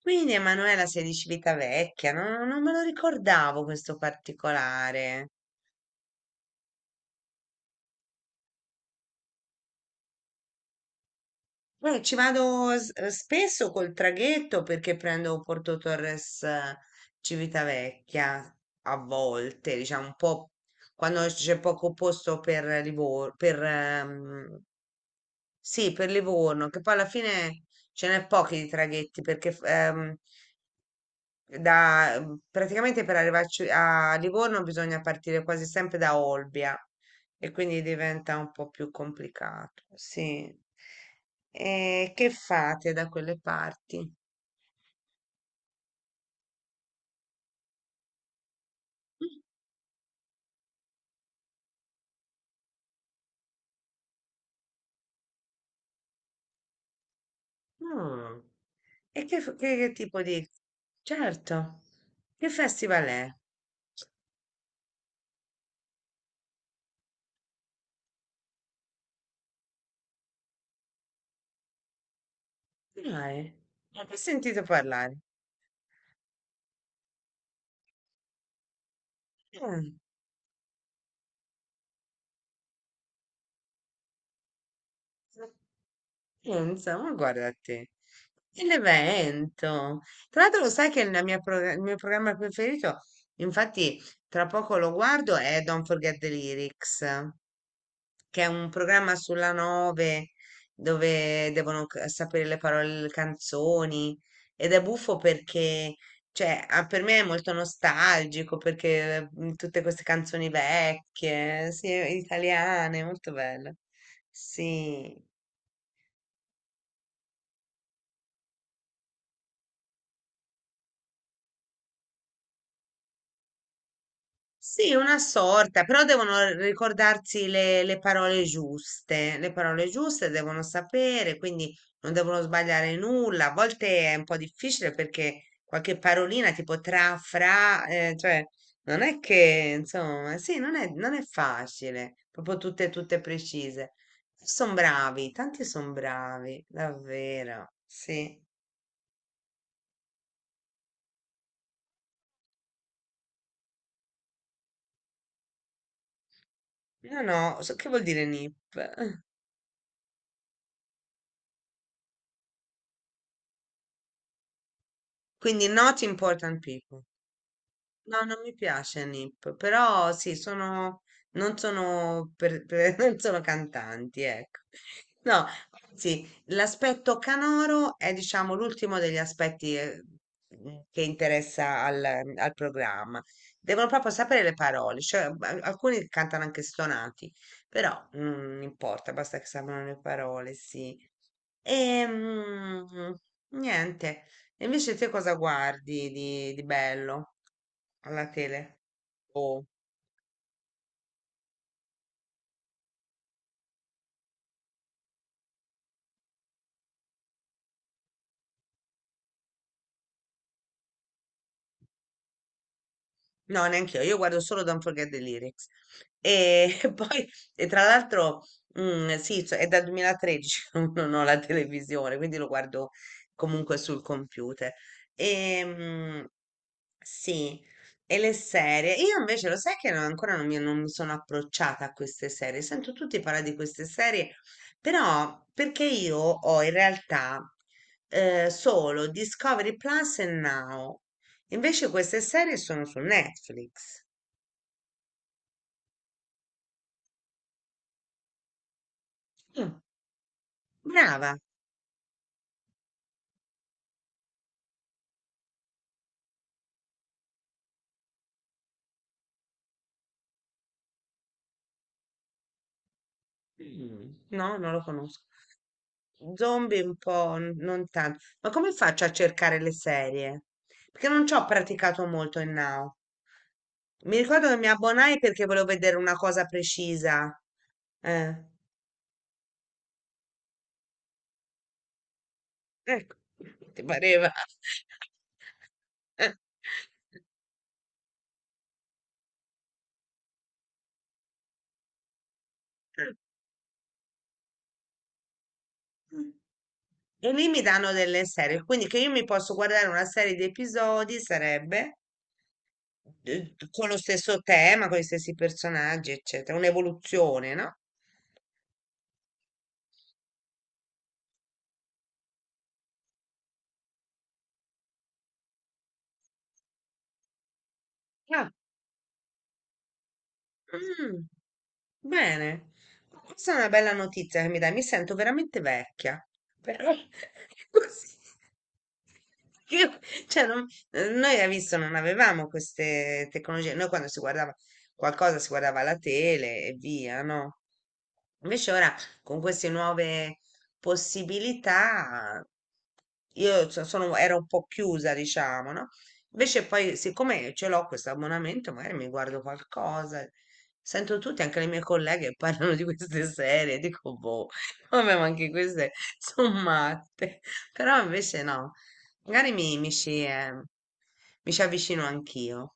Quindi Emanuela sei di Civitavecchia, no, non me lo ricordavo questo particolare. Ci vado spesso col traghetto perché prendo Porto Torres, Civitavecchia a volte, diciamo un po' quando c'è poco posto per Livorno, per, sì, per Livorno, che poi alla fine ce n'è pochi di traghetti perché da, praticamente per arrivarci a Livorno bisogna partire quasi sempre da Olbia e quindi diventa un po' più complicato. Sì. E che fate da quelle parti? Mm. E che, che tipo di... Certo, che festival è? Dai, ne ho sentito parlare. Mm. Pensa, ma guarda te. E l'evento. Tra l'altro lo sai che la il mio programma preferito, infatti tra poco lo guardo, è Don't Forget the Lyrics, che è un programma sulla 9 dove devono sapere le parole delle canzoni, ed è buffo perché, cioè, ah, per me è molto nostalgico perché, tutte queste canzoni vecchie, sì, italiane, molto bello. Sì. Sì, una sorta, però devono ricordarsi le parole giuste devono sapere, quindi non devono sbagliare nulla. A volte è un po' difficile perché qualche parolina tipo tra, fra, cioè non è che, insomma, sì, non è facile, proprio tutte, tutte precise. Sono bravi, tanti sono bravi, davvero, sì. No, no, so che vuol dire NIP? Quindi not important people. No, non mi piace Nip, però sì, sono, non sono, non sono cantanti, ecco. No, anzi, l'aspetto canoro è, diciamo, l'ultimo degli aspetti, che interessa al programma. Devono proprio sapere le parole, cioè alcuni cantano anche stonati, però, non importa, basta che sappiano le parole, sì. E, niente. E invece te cosa guardi di bello alla tele? Oh. No, neanche io guardo solo Don't Forget the Lyrics. E poi, e tra l'altro, sì, cioè, è dal 2013 che non ho la televisione, quindi lo guardo comunque sul computer. E, sì, e le serie. Io invece lo sai che ancora non mi sono approcciata a queste serie. Sento tutti parlare di queste serie, però perché io ho in realtà, solo Discovery Plus e Now. Invece queste serie sono su Netflix. Mm. Brava. Mm. No, non lo conosco. Zombie un po', non tanto. Ma come faccio a cercare le serie? Perché non ci ho praticato molto in Now. Mi ricordo che mi abbonai perché volevo vedere una cosa precisa. Eh, ecco, ti pareva. E lì mi danno delle serie, quindi che io mi posso guardare una serie di episodi sarebbe, con lo stesso tema, con gli stessi personaggi, eccetera, un'evoluzione, no? Ah, mm. Bene, questa è una bella notizia che mi dai, mi sento veramente vecchia, però così. Io- cioè, noi hai visto non avevamo queste tecnologie, noi quando si guardava qualcosa si guardava la tele e via, no? Invece ora con queste nuove possibilità io ero un po' chiusa, diciamo, no? Invece poi siccome ce l'ho questo abbonamento, magari mi guardo qualcosa. Sento tutti, anche le mie colleghe, parlano di queste serie, dico, boh, vabbè, ma anche queste sono matte. Però invece no, magari mi ci avvicino anch'io.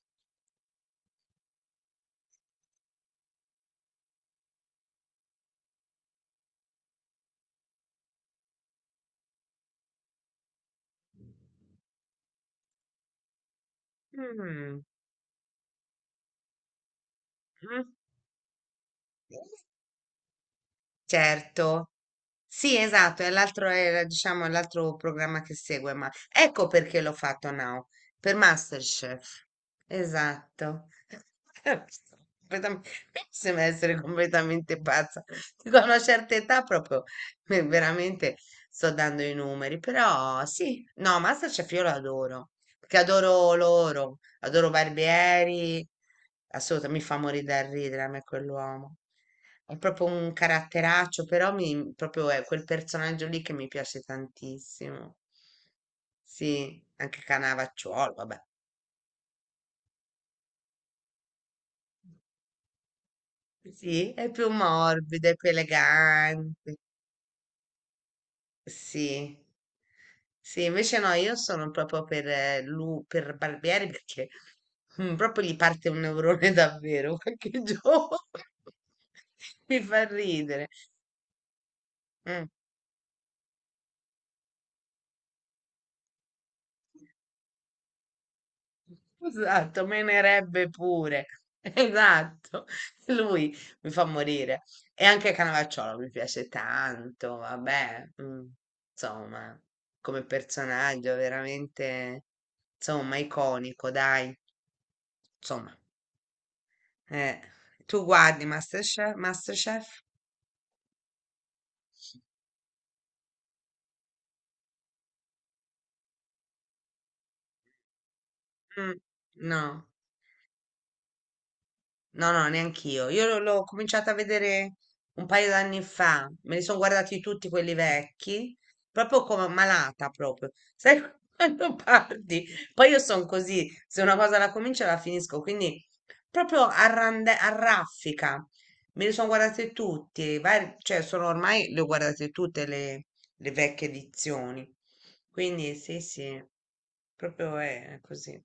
Mm, mm. Certo. Sì, esatto, è l'altro, era, diciamo, è l'altro programma che segue, ma ecco perché l'ho fatto now, per MasterChef. Esatto. Completam- Mi sembra essere completamente pazza. Dico, a una certa età proprio, veramente sto dando i numeri, però sì, no, MasterChef io lo adoro, perché adoro loro. Adoro Barbieri, assolutamente, mi fa morire da ridere a me quell'uomo. È proprio un caratteraccio, però mi, proprio è quel personaggio lì che mi piace tantissimo. Sì, anche Canavacciuolo, vabbè. Sì, è più morbido, è più elegante. Sì. Sì, invece no, io sono proprio per, per Barbieri perché, proprio gli parte un neurone davvero qualche giorno. Mi fa ridere. Mm. Esatto, menerebbe pure. Esatto, lui mi fa morire. E anche Canavacciolo mi piace tanto, vabbè, insomma, come personaggio veramente, insomma, iconico, dai. Insomma, eh, tu guardi MasterChef? MasterChef? Mm, no. No, no, neanch'io. Io l'ho cominciata a vedere un paio d'anni fa. Me li sono guardati tutti quelli vecchi, proprio come malata proprio. Sai quando parti? Poi io sono così, se una cosa la comincio la finisco, quindi proprio a a raffica. Me li sono guardati tutti, cioè sono ormai le ho guardate tutte le vecchie edizioni. Quindi sì, sì, proprio è così.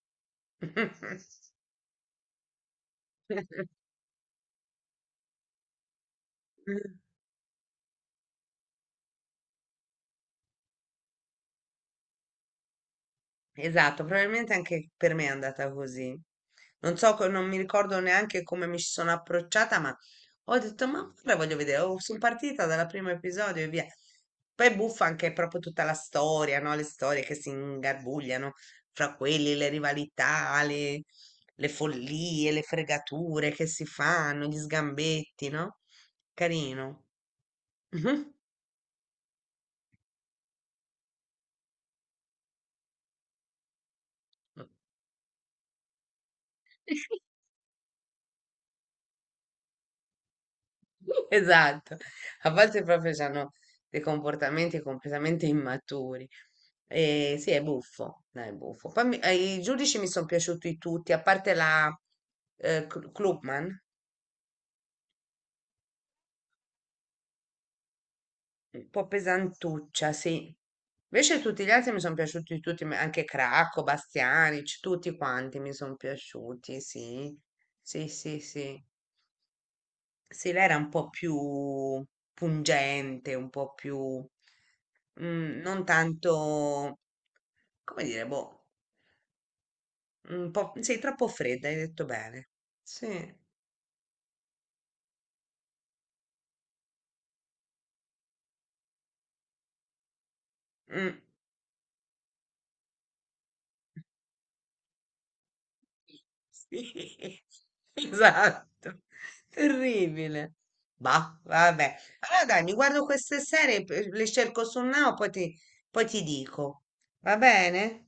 Esatto, probabilmente anche per me è andata così. Non so, non mi ricordo neanche come mi ci sono approcciata, ma ho detto, ma ora voglio vedere, oh, sono partita dal primo episodio e via. Poi buffa anche proprio tutta la storia, no? Le storie che si ingarbugliano fra quelli, le rivalità, le follie, le fregature che si fanno, gli sgambetti, no? Carino. Esatto, a volte proprio hanno dei comportamenti completamente immaturi. E sì, è buffo, dai, è buffo. Poi i giudici mi sono piaciuti tutti, a parte la, Klugman, un po' pesantuccia, sì. Invece tutti gli altri mi sono piaciuti tutti, ma anche Cracco, Bastianic, tutti quanti mi sono piaciuti, sì. Sì, sì, sì. Sì, lei era un po' più pungente, un po' più... non tanto, come dire, boh, un po', sei troppo fredda, hai detto bene. Sì, mm, sì, esatto, terribile. Bah, vabbè. Allora dai, mi guardo queste serie, le cerco su Now, poi ti dico. Va bene?